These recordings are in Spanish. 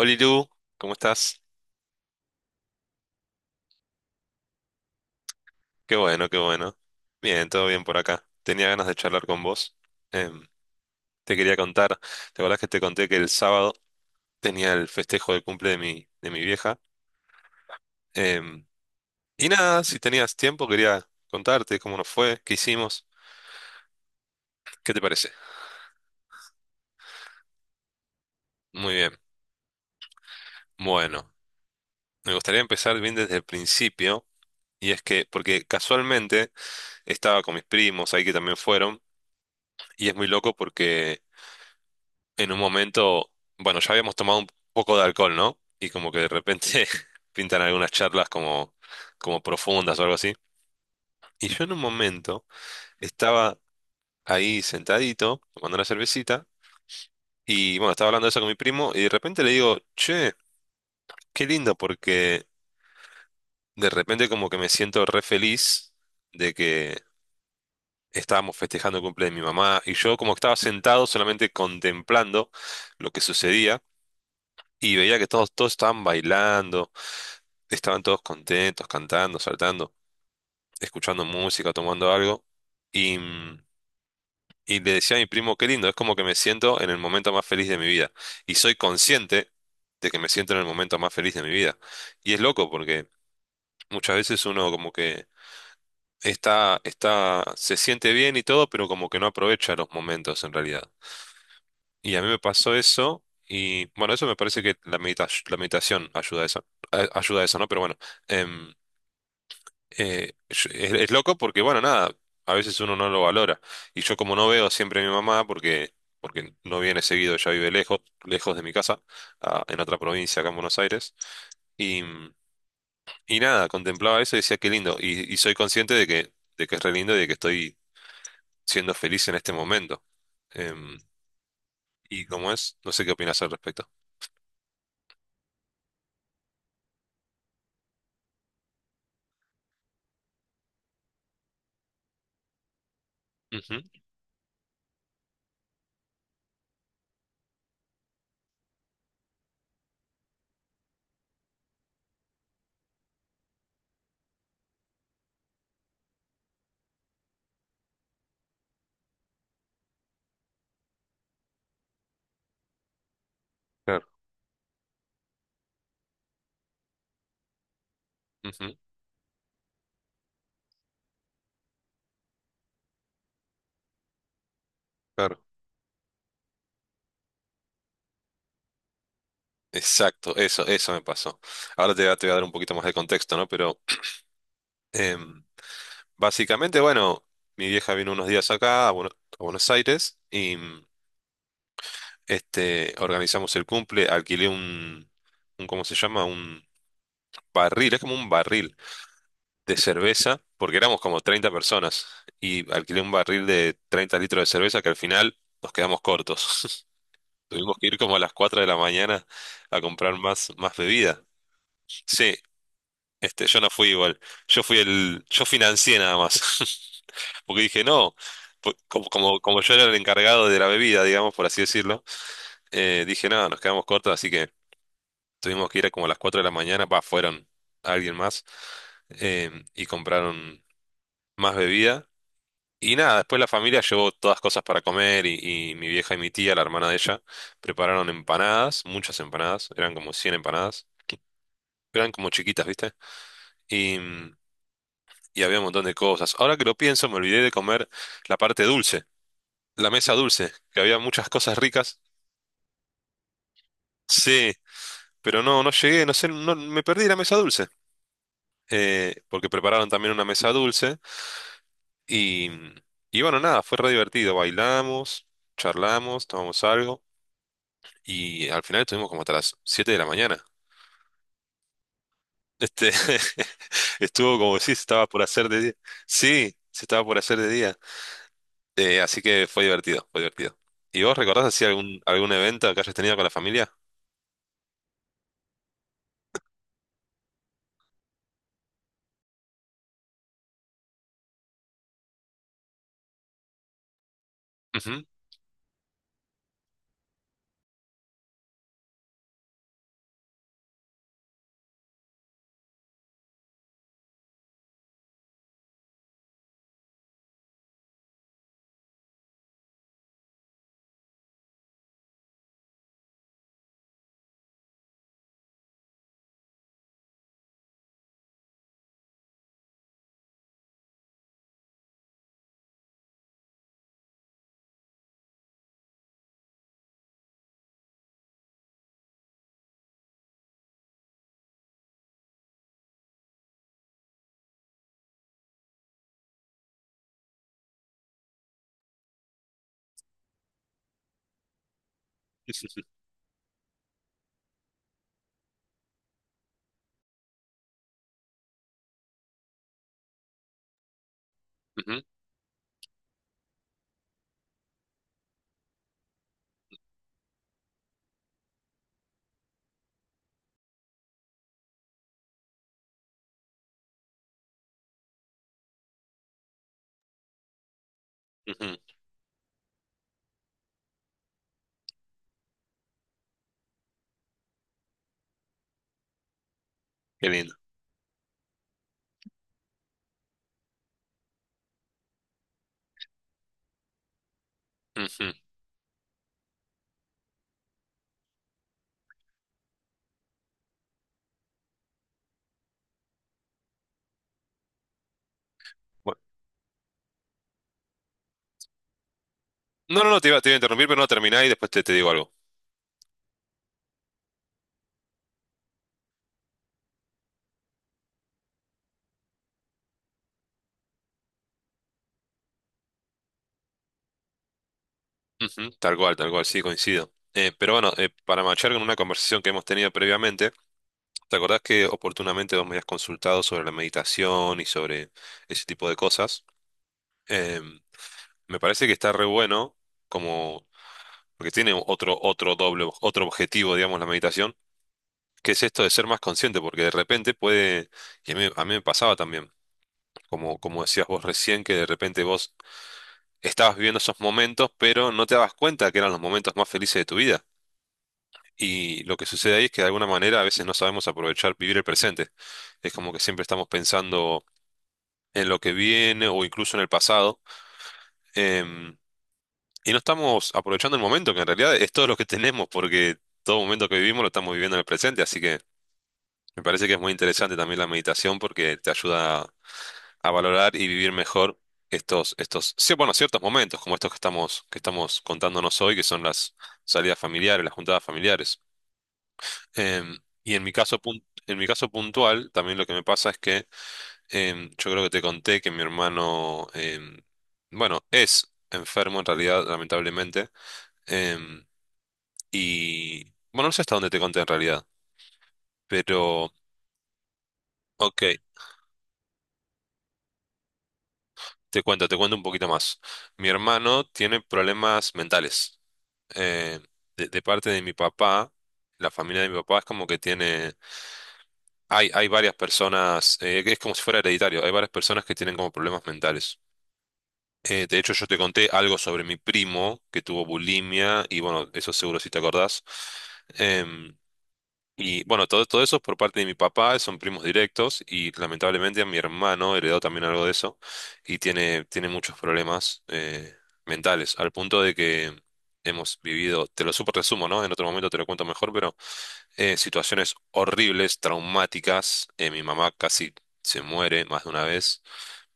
Oli Lu, ¿cómo estás? Qué bueno, qué bueno. Bien, todo bien por acá. Tenía ganas de charlar con vos. Em, te quería contar, ¿te acordás que te conté que el sábado tenía el festejo de cumple de mi vieja? Em, y nada, si tenías tiempo quería contarte cómo nos fue, qué hicimos, ¿qué te parece? Muy bien. Bueno, me gustaría empezar bien desde el principio, y es que, porque casualmente estaba con mis primos ahí que también fueron, y es muy loco porque en un momento, bueno, ya habíamos tomado un poco de alcohol, ¿no? Y como que de repente pintan algunas charlas como profundas o algo así. Y yo en un momento estaba ahí sentadito, tomando una cervecita, y bueno, estaba hablando de eso con mi primo, y de repente le digo, che, qué lindo, porque de repente como que me siento re feliz de que estábamos festejando el cumple de mi mamá, y yo como que estaba sentado solamente contemplando lo que sucedía. Y veía que todos estaban bailando, estaban todos contentos, cantando, saltando, escuchando música, tomando algo. Y, mm, y le decía a mi primo, qué lindo, es como que me siento en el momento más feliz de mi vida. Y soy consciente de que me siento en el momento más feliz de mi vida. Y es loco porque muchas veces uno como que está, se siente bien y todo, pero como que no aprovecha los momentos en realidad. Y a mí me pasó eso, y bueno, eso me parece que la meditación ayuda a eso, ayuda a eso, ¿no? Pero bueno, em, es loco porque, bueno, nada, a veces uno no lo valora. Y yo como no veo siempre a mi mamá, porque no viene seguido, ella vive lejos, lejos de mi casa, en otra provincia, acá en Buenos Aires. Y, y nada, contemplaba eso y decía, qué lindo. Y soy consciente de que es re lindo y de que estoy siendo feliz en este momento. Em, y como es, no sé qué opinas al respecto. Ujú, claro. Ujú, claro. Exacto, eso me pasó. Ahora te voy a dar un poquito más de contexto, ¿no? Pero em, básicamente, bueno, mi vieja vino unos días acá a Buenos Aires y este, organizamos el cumple, alquilé un, ¿cómo se llama? Un barril, es como un barril de cerveza, porque éramos como 30 personas y alquilé un barril de 30 litros de cerveza que al final nos quedamos cortos. Tuvimos que ir como a las 4 de la mañana a comprar más bebida. Sí, este, yo no fui igual. Yo financié nada más. Porque dije, no, como yo era el encargado de la bebida, digamos, por así decirlo, dije, no, nos quedamos cortos, así que tuvimos que ir a como a las 4 de la mañana, fueron alguien más, y compraron más bebida. Y nada, después la familia llevó todas cosas para comer y, mi vieja y mi tía, la hermana de ella, prepararon empanadas, muchas empanadas, eran como 100 empanadas, eran como chiquitas, ¿viste? y mm, y había un montón de cosas. Ahora que lo pienso, me olvidé de comer la parte dulce, la mesa dulce, que había muchas cosas ricas. Sí, pero no, no llegué, no sé, no, me perdí la mesa dulce, porque prepararon también una mesa dulce y, y bueno, nada, fue re divertido. Bailamos, charlamos, tomamos algo y al final estuvimos como hasta las 7 de la mañana. Este, estuvo como si se estaba por hacer de día. Sí, se estaba por hacer de día. Así que fue divertido, fue divertido. ¿Y vos recordás así algún evento que hayas tenido con la familia? Ujú, ujú, ujú. Qué lindo. Ujú. Bueno, no, no, no, te iba a interrumpir, pero no terminá y después te digo algo. Ujú, tal cual, tal cual, sí, coincido. Pero bueno, para marchar con una conversación que hemos tenido previamente. ¿Te acordás que oportunamente vos me habías consultado sobre la meditación y sobre ese tipo de cosas? Em, Me parece que está re bueno, como, porque tiene otro doble, otro objetivo, digamos, la meditación, que es esto de ser más consciente, porque de repente puede, y a mí me pasaba también, como decías vos recién, que de repente vos estabas viviendo esos momentos, pero no te dabas cuenta que eran los momentos más felices de tu vida. Y lo que sucede ahí es que de alguna manera a veces no sabemos aprovechar, vivir el presente. Es como que siempre estamos pensando en lo que viene o incluso en el pasado. em, y no estamos aprovechando el momento, que en realidad es todo lo que tenemos, porque todo momento que vivimos lo estamos viviendo en el presente. Así que me parece que es muy interesante también la meditación porque te ayuda a valorar y vivir mejor estos, sí, bueno, ciertos momentos como estos que estamos contándonos hoy, que son las salidas familiares, las juntadas familiares. Em, y en mi caso, en mi caso puntual, también lo que me pasa es que yo creo que te conté que mi hermano, bueno, es enfermo en realidad, lamentablemente. em, y bueno, no sé hasta dónde te conté en realidad, pero ok, te cuento un poquito más. Mi hermano tiene problemas mentales. Eh, de parte de mi papá, la familia de mi papá es como que tiene, hay varias personas, que es como si fuera hereditario, hay varias personas que tienen como problemas mentales. De hecho, yo te conté algo sobre mi primo que tuvo bulimia y bueno, eso seguro si te acordás. Em, y bueno, todo eso por parte de mi papá, son primos directos y lamentablemente a mi hermano heredó también algo de eso y tiene muchos problemas mentales, al punto de que hemos vivido, te lo súper resumo, ¿no? En otro momento te lo cuento mejor, pero situaciones horribles, traumáticas. Mi mamá casi se muere más de una vez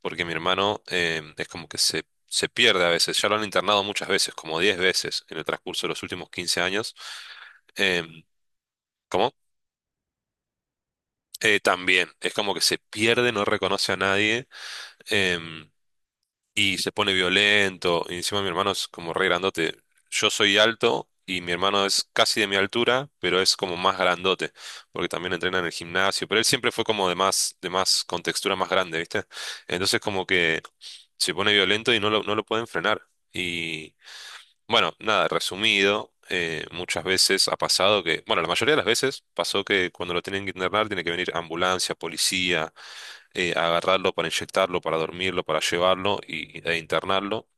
porque mi hermano es como que se pierde a veces. Ya lo han internado muchas veces, como 10 veces en el transcurso de los últimos 15 años. Em, ¿Cómo? También, es como que se pierde, no reconoce a nadie. Em, y se pone violento. Y encima mi hermano es como re grandote. Yo soy alto y mi hermano es casi de mi altura, pero es como más grandote, porque también entrena en el gimnasio. Pero él siempre fue como de más, con textura más grande, ¿viste? Entonces como que se pone violento y no lo pueden frenar. Y bueno, nada, resumido. Muchas veces ha pasado que, bueno, la mayoría de las veces pasó que cuando lo tienen que internar tiene que venir ambulancia, policía, agarrarlo para inyectarlo, para dormirlo, para llevarlo e internarlo.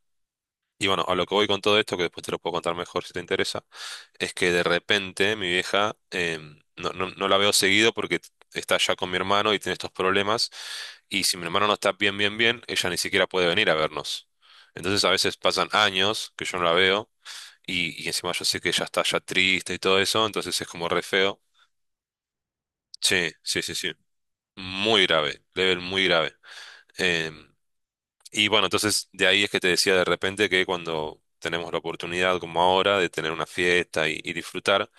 Y bueno, a lo que voy con todo esto, que después te lo puedo contar mejor si te interesa, es que de repente mi vieja no la veo seguido porque está ya con mi hermano y tiene estos problemas. Y si mi hermano no está bien, bien, bien, ella ni siquiera puede venir a vernos. Entonces a veces pasan años que yo no la veo y encima yo sé que ella está ya triste y todo eso, entonces es como re feo. Sí, sí, sí, sí. Muy grave, level muy grave. Em, Y bueno, entonces de ahí es que te decía de repente que cuando tenemos la oportunidad, como ahora, de tener una fiesta y disfrutar,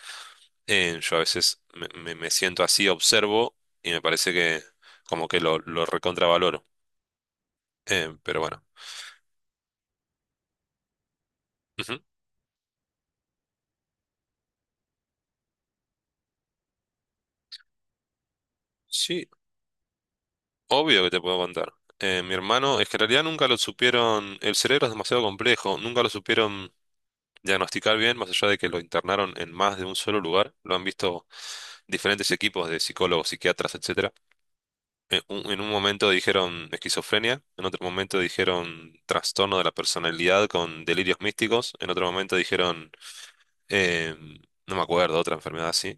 yo a veces me siento así, observo y me parece que como que lo recontravaloro. Pero bueno. Ujú. Sí, obvio que te puedo contar. Mi hermano, es que en realidad nunca lo supieron, el cerebro es demasiado complejo, nunca lo supieron diagnosticar bien, más allá de que lo internaron en más de un solo lugar, lo han visto diferentes equipos de psicólogos, psiquiatras, etcétera. En un momento dijeron esquizofrenia, en otro momento dijeron trastorno de la personalidad con delirios místicos, en otro momento dijeron, eh, no me acuerdo, otra enfermedad así.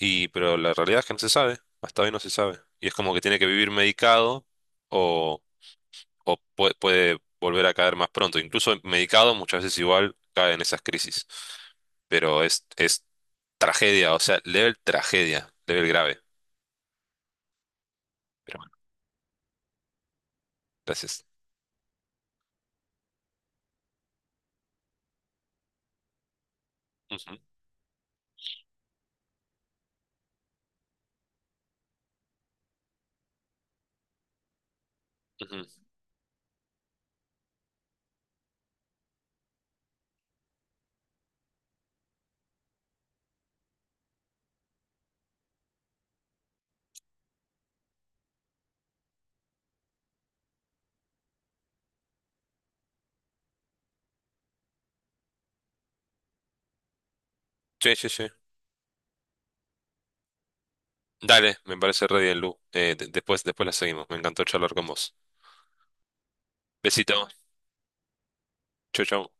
Y, pero la realidad es que no se sabe, hasta hoy no se sabe. Y es como que tiene que vivir medicado o, o puede, volver a caer más pronto. Incluso medicado muchas veces igual cae en esas crisis. Pero es tragedia, o sea, level tragedia, level grave. Pero bueno, gracias. Ujú, ujú. Sí, sí, sí. Dale, me parece re bien, Lu. Después la seguimos. Me encantó charlar con vos. Besito. Chau, chau.